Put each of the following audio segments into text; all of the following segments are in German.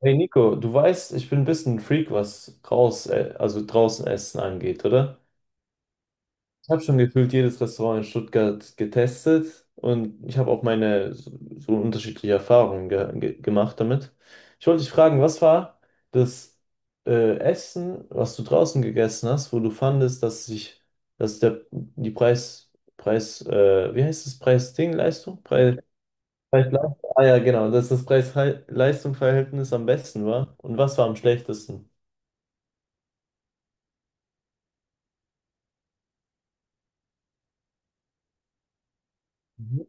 Hey Nico, du weißt, ich bin ein bisschen ein Freak, was also draußen Essen angeht, oder? Ich habe schon gefühlt jedes Restaurant in Stuttgart getestet und ich habe auch meine so unterschiedliche Erfahrungen ge ge gemacht damit. Ich wollte dich fragen, was war das Essen, was du draußen gegessen hast, wo du fandest, dass der die Preis, Preis, wie heißt das, Preis-Ding-Leistung? Preis, Preis-Leistung. Ah ja, genau, dass das Preis-Leistung-Verhältnis am besten war. Und was war am schlechtesten? Mhm.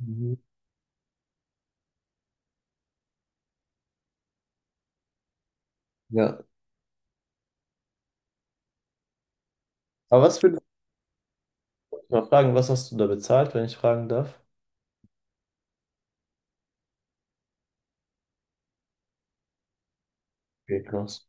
Mhm. Ja. Aber was würdest du mal fragen, was hast du da bezahlt, wenn ich fragen darf? Okay, krass.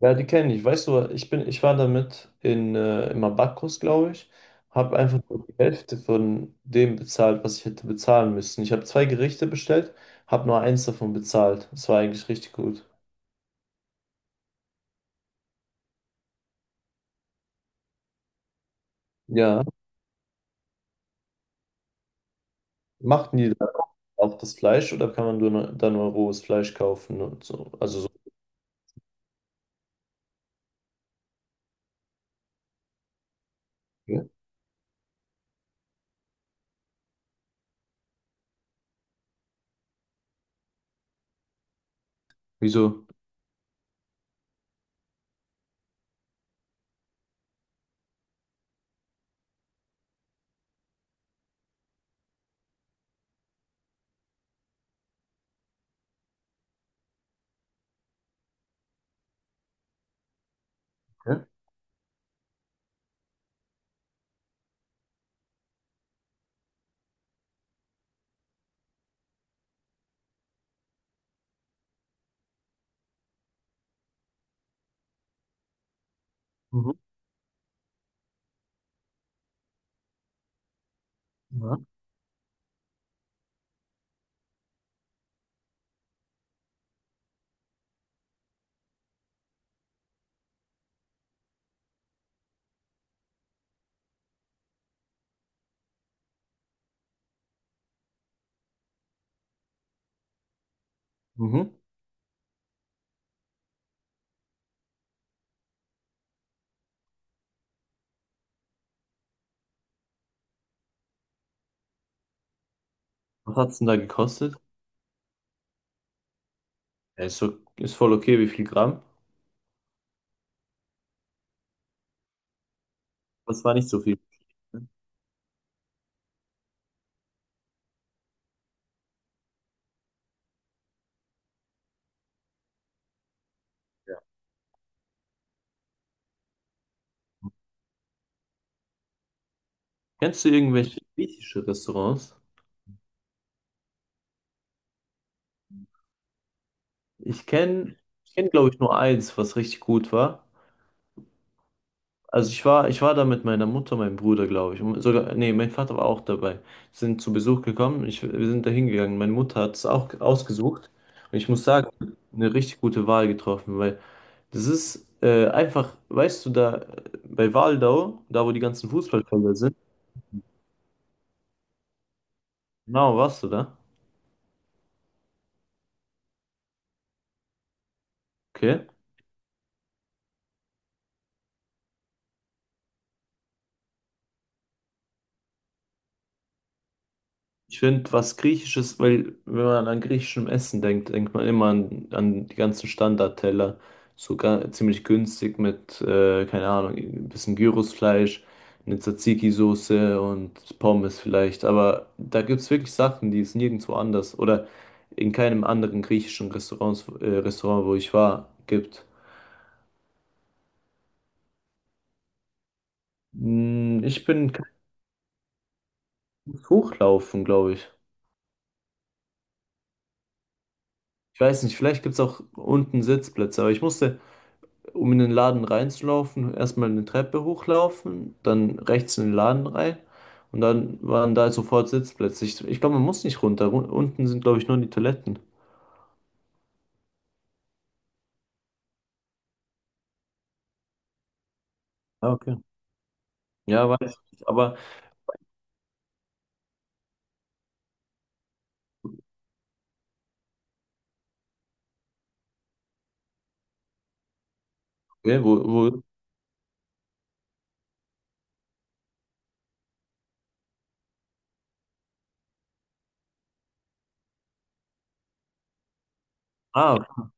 Ja, die kenne ich. Weißt du, ich war damit im Abacus, glaube ich, habe einfach nur die Hälfte von dem bezahlt, was ich hätte bezahlen müssen. Ich habe zwei Gerichte bestellt, habe nur eins davon bezahlt. Das war eigentlich richtig gut. Ja, machten die auch das Fleisch oder kann man nur rohes Fleisch kaufen und so? Also so. Ja. Wieso? Ja. Mhm. Ja. Mhm. Was hat es denn da gekostet? Ja, ist, so, ist voll okay, wie viel Gramm? Das war nicht so viel. Kennst du irgendwelche griechische Restaurants? Ich kenne, ich kenn, glaube ich, nur eins, was richtig gut war. Also ich war da mit meiner Mutter, meinem Bruder, glaube ich. Und sogar, nee, mein Vater war auch dabei. Sind zu Besuch gekommen. Ich, wir sind da hingegangen. Meine Mutter hat es auch ausgesucht. Und ich muss sagen, eine richtig gute Wahl getroffen, weil das ist einfach, weißt du, da bei Waldau, da wo die ganzen Fußballfelder sind, genau, warst du da? Okay. Ich finde, was Griechisches, weil wenn man an griechischem Essen denkt, denkt man immer an die ganzen Standardteller, sogar ziemlich günstig mit, keine Ahnung, ein bisschen Gyrosfleisch, eine Tzatziki-Soße und Pommes vielleicht. Aber da gibt es wirklich Sachen, die es nirgendwo anders oder in keinem anderen Restaurant, wo ich war, gibt. Hm, ich bin kein Hochlaufen, glaube ich. Ich weiß nicht, vielleicht gibt es auch unten Sitzplätze, um in den Laden reinzulaufen, erstmal eine Treppe hochlaufen, dann rechts in den Laden rein und dann waren da sofort Sitzplätze. Ich glaube, man muss nicht runter. Unten sind, glaube ich, nur die Toiletten. Ah, okay. Ja, weiß ich nicht. Aber okay, ah, ich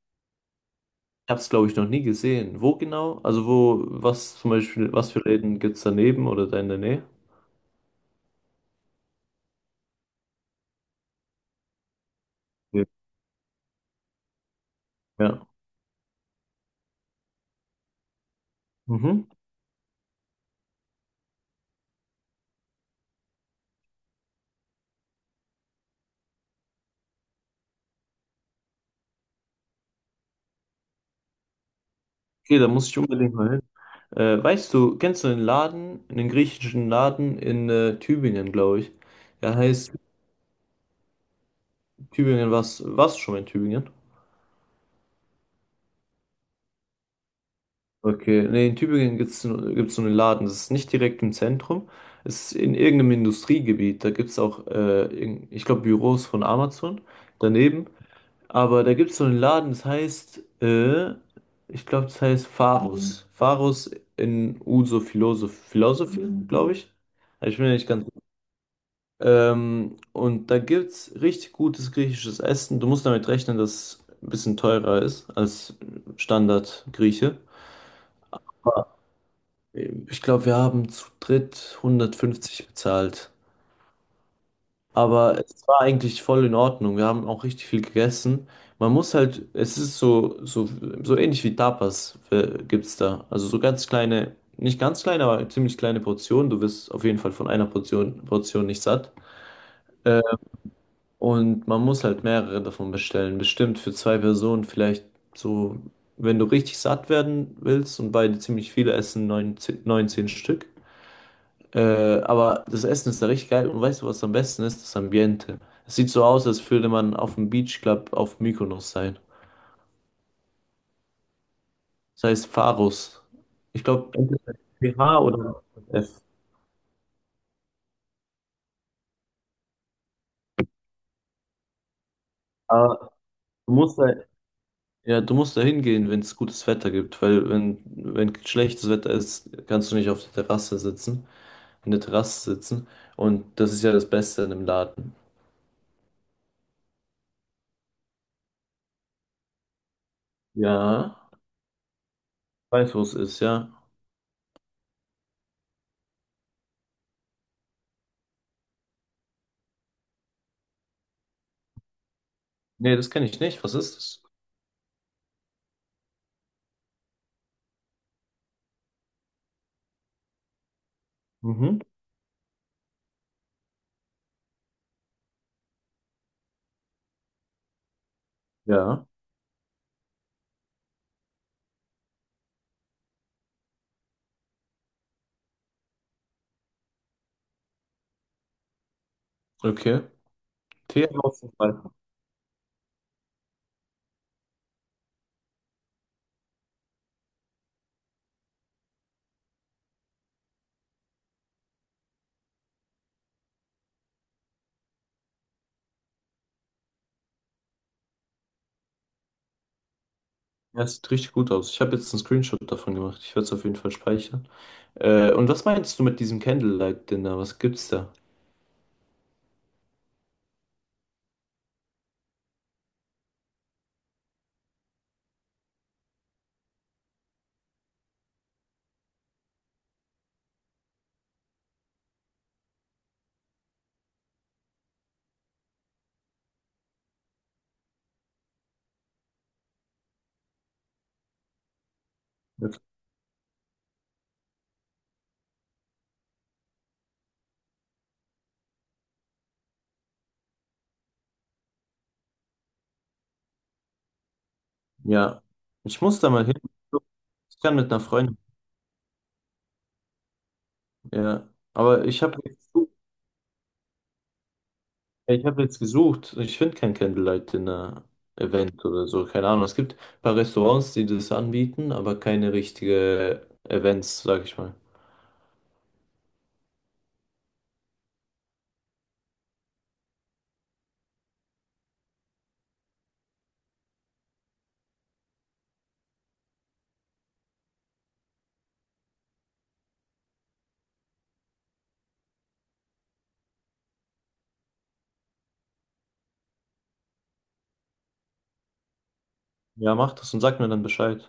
habe es, glaube ich, noch nie gesehen. Wo genau? Also wo, was zum Beispiel, was für Läden gibt es daneben oder da in der Nähe? Ja. Ja. Mhm. Okay, da muss ich unbedingt mal hin. Weißt du, kennst du einen Laden, einen griechischen Laden in Tübingen, glaube ich. Der heißt Tübingen, was, warst du schon mal in Tübingen? Okay, nee, in Tübingen gibt's so einen Laden, das ist nicht direkt im Zentrum, es ist in irgendeinem Industriegebiet, da gibt es auch, ich glaube, Büros von Amazon daneben, aber da gibt es so einen Laden, ich glaube, das heißt Pharos. Mhm. Pharos in Uso Philosophy, glaube ich. Also ich bin mir nicht ganz. Und da gibt's richtig gutes griechisches Essen. Du musst damit rechnen, dass es ein bisschen teurer ist als Standard-Grieche. Ah, ich glaube, wir haben zu dritt 150 bezahlt. Aber es war eigentlich voll in Ordnung. Wir haben auch richtig viel gegessen. Man muss halt, es ist so ähnlich wie Tapas gibt's da. Also so ganz kleine, nicht ganz kleine, aber ziemlich kleine Portionen. Du wirst auf jeden Fall von Portion nicht satt. Und man muss halt mehrere davon bestellen. Bestimmt für zwei Personen vielleicht so, wenn du richtig satt werden willst und beide ziemlich viele essen, 19 19 Stück. Äh, aber das Essen ist da richtig geil und weißt du, was am besten ist? Das Ambiente. Es sieht so aus, als würde man auf dem Beach Club auf Mykonos sein. Das heißt Pharos. Ich glaube, PH oder F. Aber du musst da, ja, du musst da hingehen, wenn es gutes Wetter gibt, weil wenn, wenn schlechtes Wetter ist, kannst du nicht auf der Terrasse sitzen. In der Terrasse sitzen. Und das ist ja das Beste in dem Laden. Ja, weiß, wo es ist, ja. Nee, das kenne ich nicht. Was ist das? Mhm. Ja, okay. Tee im Außenfall. Ja, sieht richtig gut aus. Ich habe jetzt einen Screenshot davon gemacht. Ich werde es auf jeden Fall speichern. Und was meinst du mit diesem Candlelight Dinner? Was gibt's da? Okay. Ja, ich muss da mal hin. Ich kann mit einer Freundin. Ja, aber ich habe. Ja, ich habe jetzt gesucht, ich finde kein Candlelight Dinner Event oder so, keine Ahnung. Es gibt ein paar Restaurants, die das anbieten, aber keine richtige Events, sag ich mal. Ja, mach das und sag mir dann Bescheid.